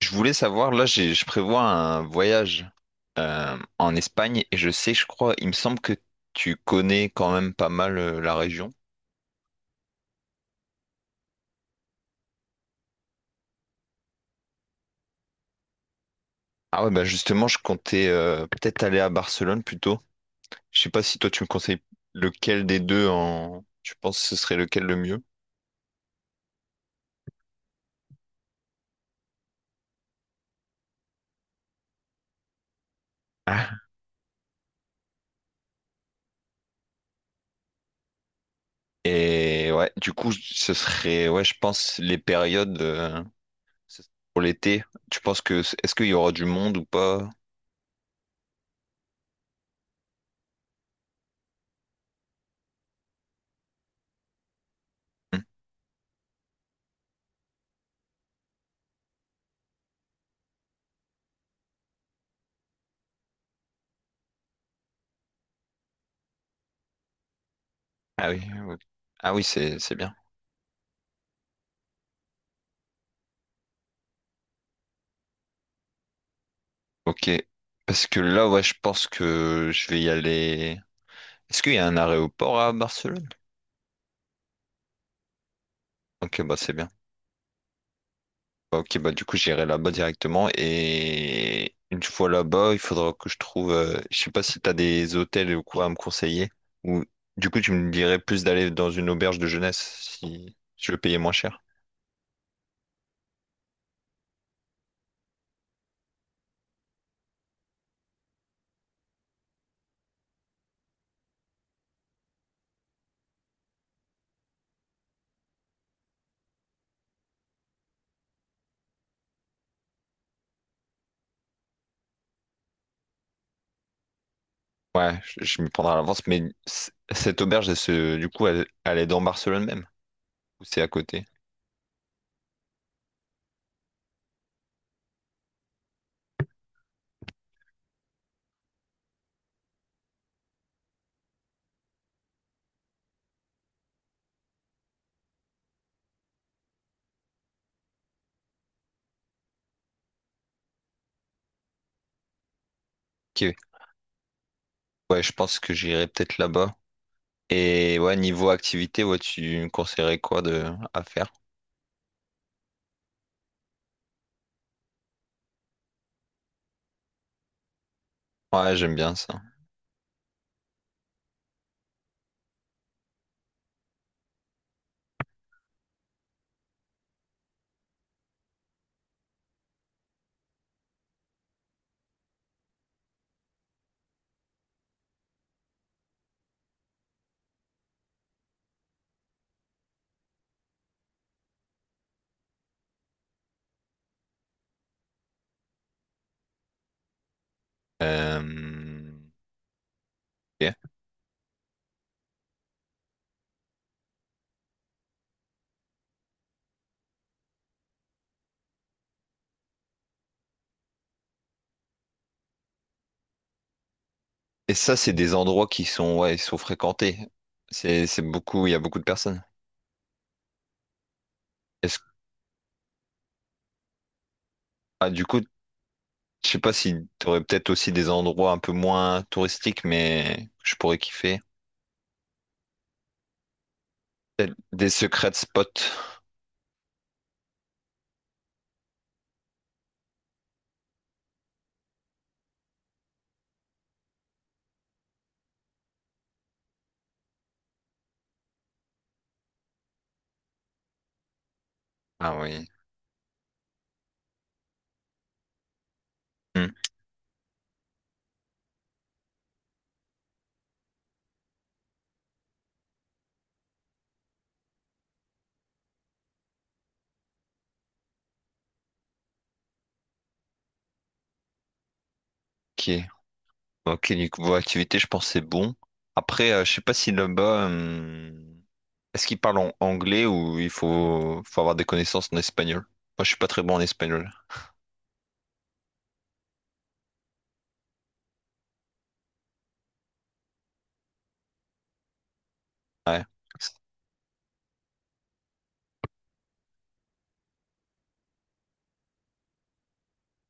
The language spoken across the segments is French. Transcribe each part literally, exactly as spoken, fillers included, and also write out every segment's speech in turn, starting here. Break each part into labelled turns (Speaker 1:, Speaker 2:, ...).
Speaker 1: Je voulais savoir, là, j'ai- je prévois un voyage euh, en Espagne et je sais, je crois, il me semble que tu connais quand même pas mal euh, la région. Ah ouais, bah justement, je comptais euh, peut-être aller à Barcelone plutôt. Je sais pas si toi tu me conseilles lequel des deux en... Tu penses que ce serait lequel le mieux? Ah. Et ouais, du coup, ce serait, ouais, je pense les périodes euh, pour l'été. Tu penses que, est-ce qu'il y aura du monde ou pas? Hmm. Ah oui, oui. Ah oui, c'est c'est bien. Ok, parce que là, ouais, je pense que je vais y aller. Est-ce qu'il y a un aéroport à Barcelone? Ok, bah c'est bien. Bah, ok, bah du coup j'irai là-bas directement et une fois là-bas, il faudra que je trouve, euh, je sais pas si t'as des hôtels ou quoi à me conseiller, ou du coup tu me dirais plus d'aller dans une auberge de jeunesse si je veux payer moins cher. Ouais, je, je m'y prendrai à l'avance, mais c- cette auberge, elle se- du coup, elle, elle est dans Barcelone même, ou c'est à côté? Ok. Ouais, je pense que j'irai peut-être là-bas. Et ouais, niveau activité, ouais, tu me conseillerais quoi de à faire? Ouais, j'aime bien ça. Euh, ok. Et ça, c'est des endroits qui sont, ouais, ils sont fréquentés. C'est, c'est beaucoup, il y a beaucoup de personnes. Est-ce, ah, du coup, je sais pas si t'aurais peut-être aussi des endroits un peu moins touristiques, mais que je pourrais kiffer. Peut-être des secrets spots. Ah oui. Hmm. Ok. Ok, niveau activité, je pense que c'est bon. Après, euh, je sais pas si là-bas, hum, est-ce qu'ils parlent en anglais ou il faut, faut avoir des connaissances en espagnol? Moi, je suis pas très bon en espagnol. Ouais.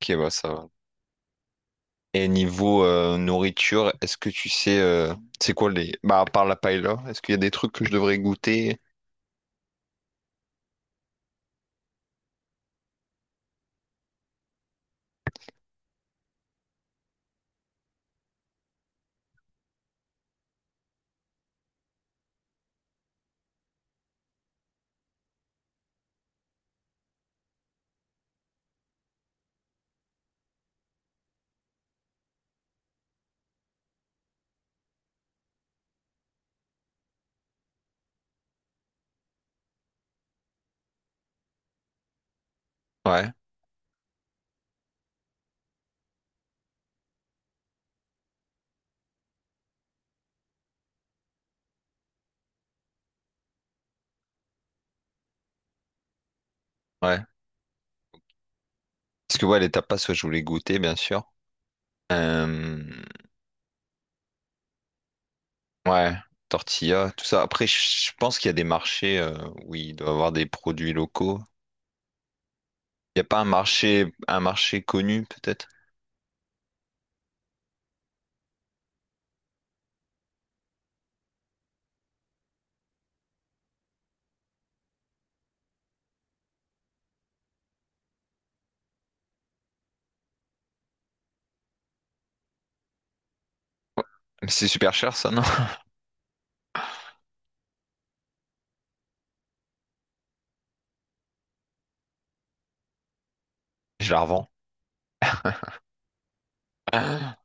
Speaker 1: Ok, bah ça va. Et niveau euh, nourriture, est-ce que tu sais, euh, c'est quoi les... Bah, à part la paella, est-ce qu'il y a des trucs que je devrais goûter? Ouais, ouais. Parce que ouais, les tapas, ouais, je voulais goûter, bien sûr. Euh, ouais, tortilla, tout ça. Après, je je pense qu'il y a des marchés euh, où il doit y avoir des produits locaux. Il n'y a pas un marché, un marché connu, peut-être? Mais c'est super cher, ça, non? Je la revends. Ah.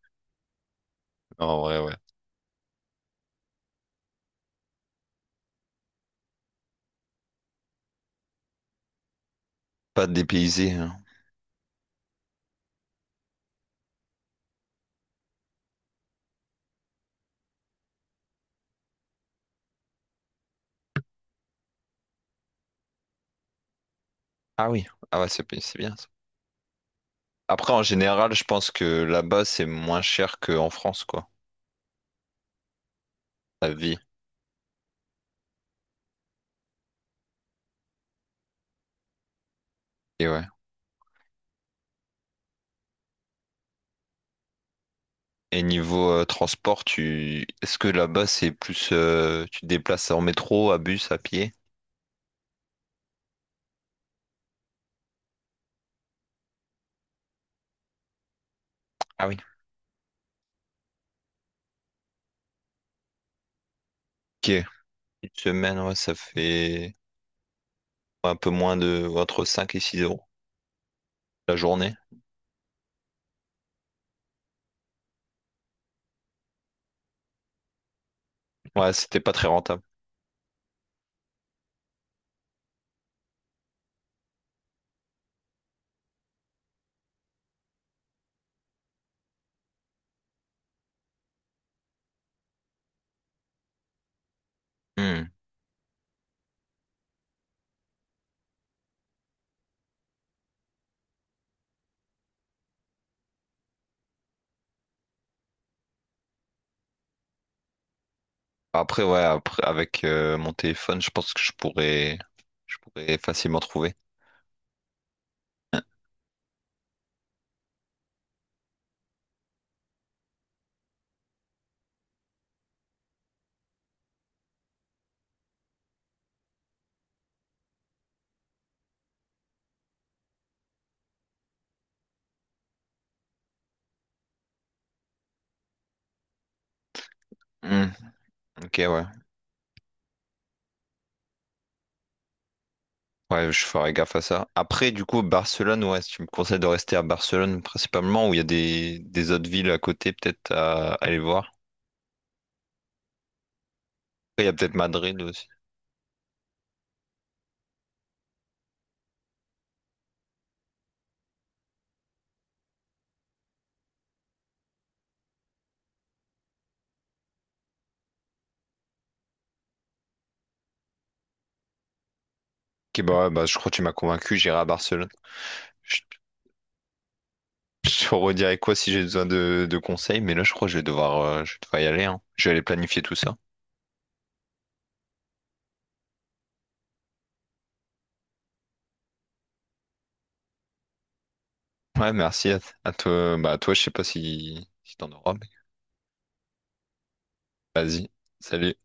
Speaker 1: Non, en vrai, ouais. Pas dépaysé, hein. Ah oui. Ah ouais, c'est c'est bien, ça. Après, en général, je pense que là-bas, c'est moins cher qu'en France, quoi. La vie. Et ouais. Et niveau euh, transport, tu... est-ce que là-bas, c'est plus... euh, tu te déplaces en métro, à bus, à pied? Ah oui. Ok. Une semaine, ouais, ça fait... un peu moins de entre cinq et six euros la journée. Ouais, c'était pas très rentable. Hmm. Après, ouais, après, avec euh, mon téléphone, je pense que je pourrais, je pourrais facilement trouver. Hmm. Ok, ouais. Ouais, je ferai gaffe à ça. Après, du coup, Barcelone, ouais, si tu me conseilles de rester à Barcelone principalement, ou il y a des, des autres villes à côté peut-être à, à aller voir. Après, il y a peut-être Madrid aussi. Ok, bah, ouais, bah je crois que tu m'as convaincu, j'irai à Barcelone. Je, je te redirai quoi si j'ai besoin de, de conseils, mais là, je crois que je vais devoir, euh, je vais devoir y aller, hein. Je vais aller planifier tout ça. Ouais, merci à, à toi. Bah, à toi, je sais pas si, si t'en auras, mais vas-y. Salut.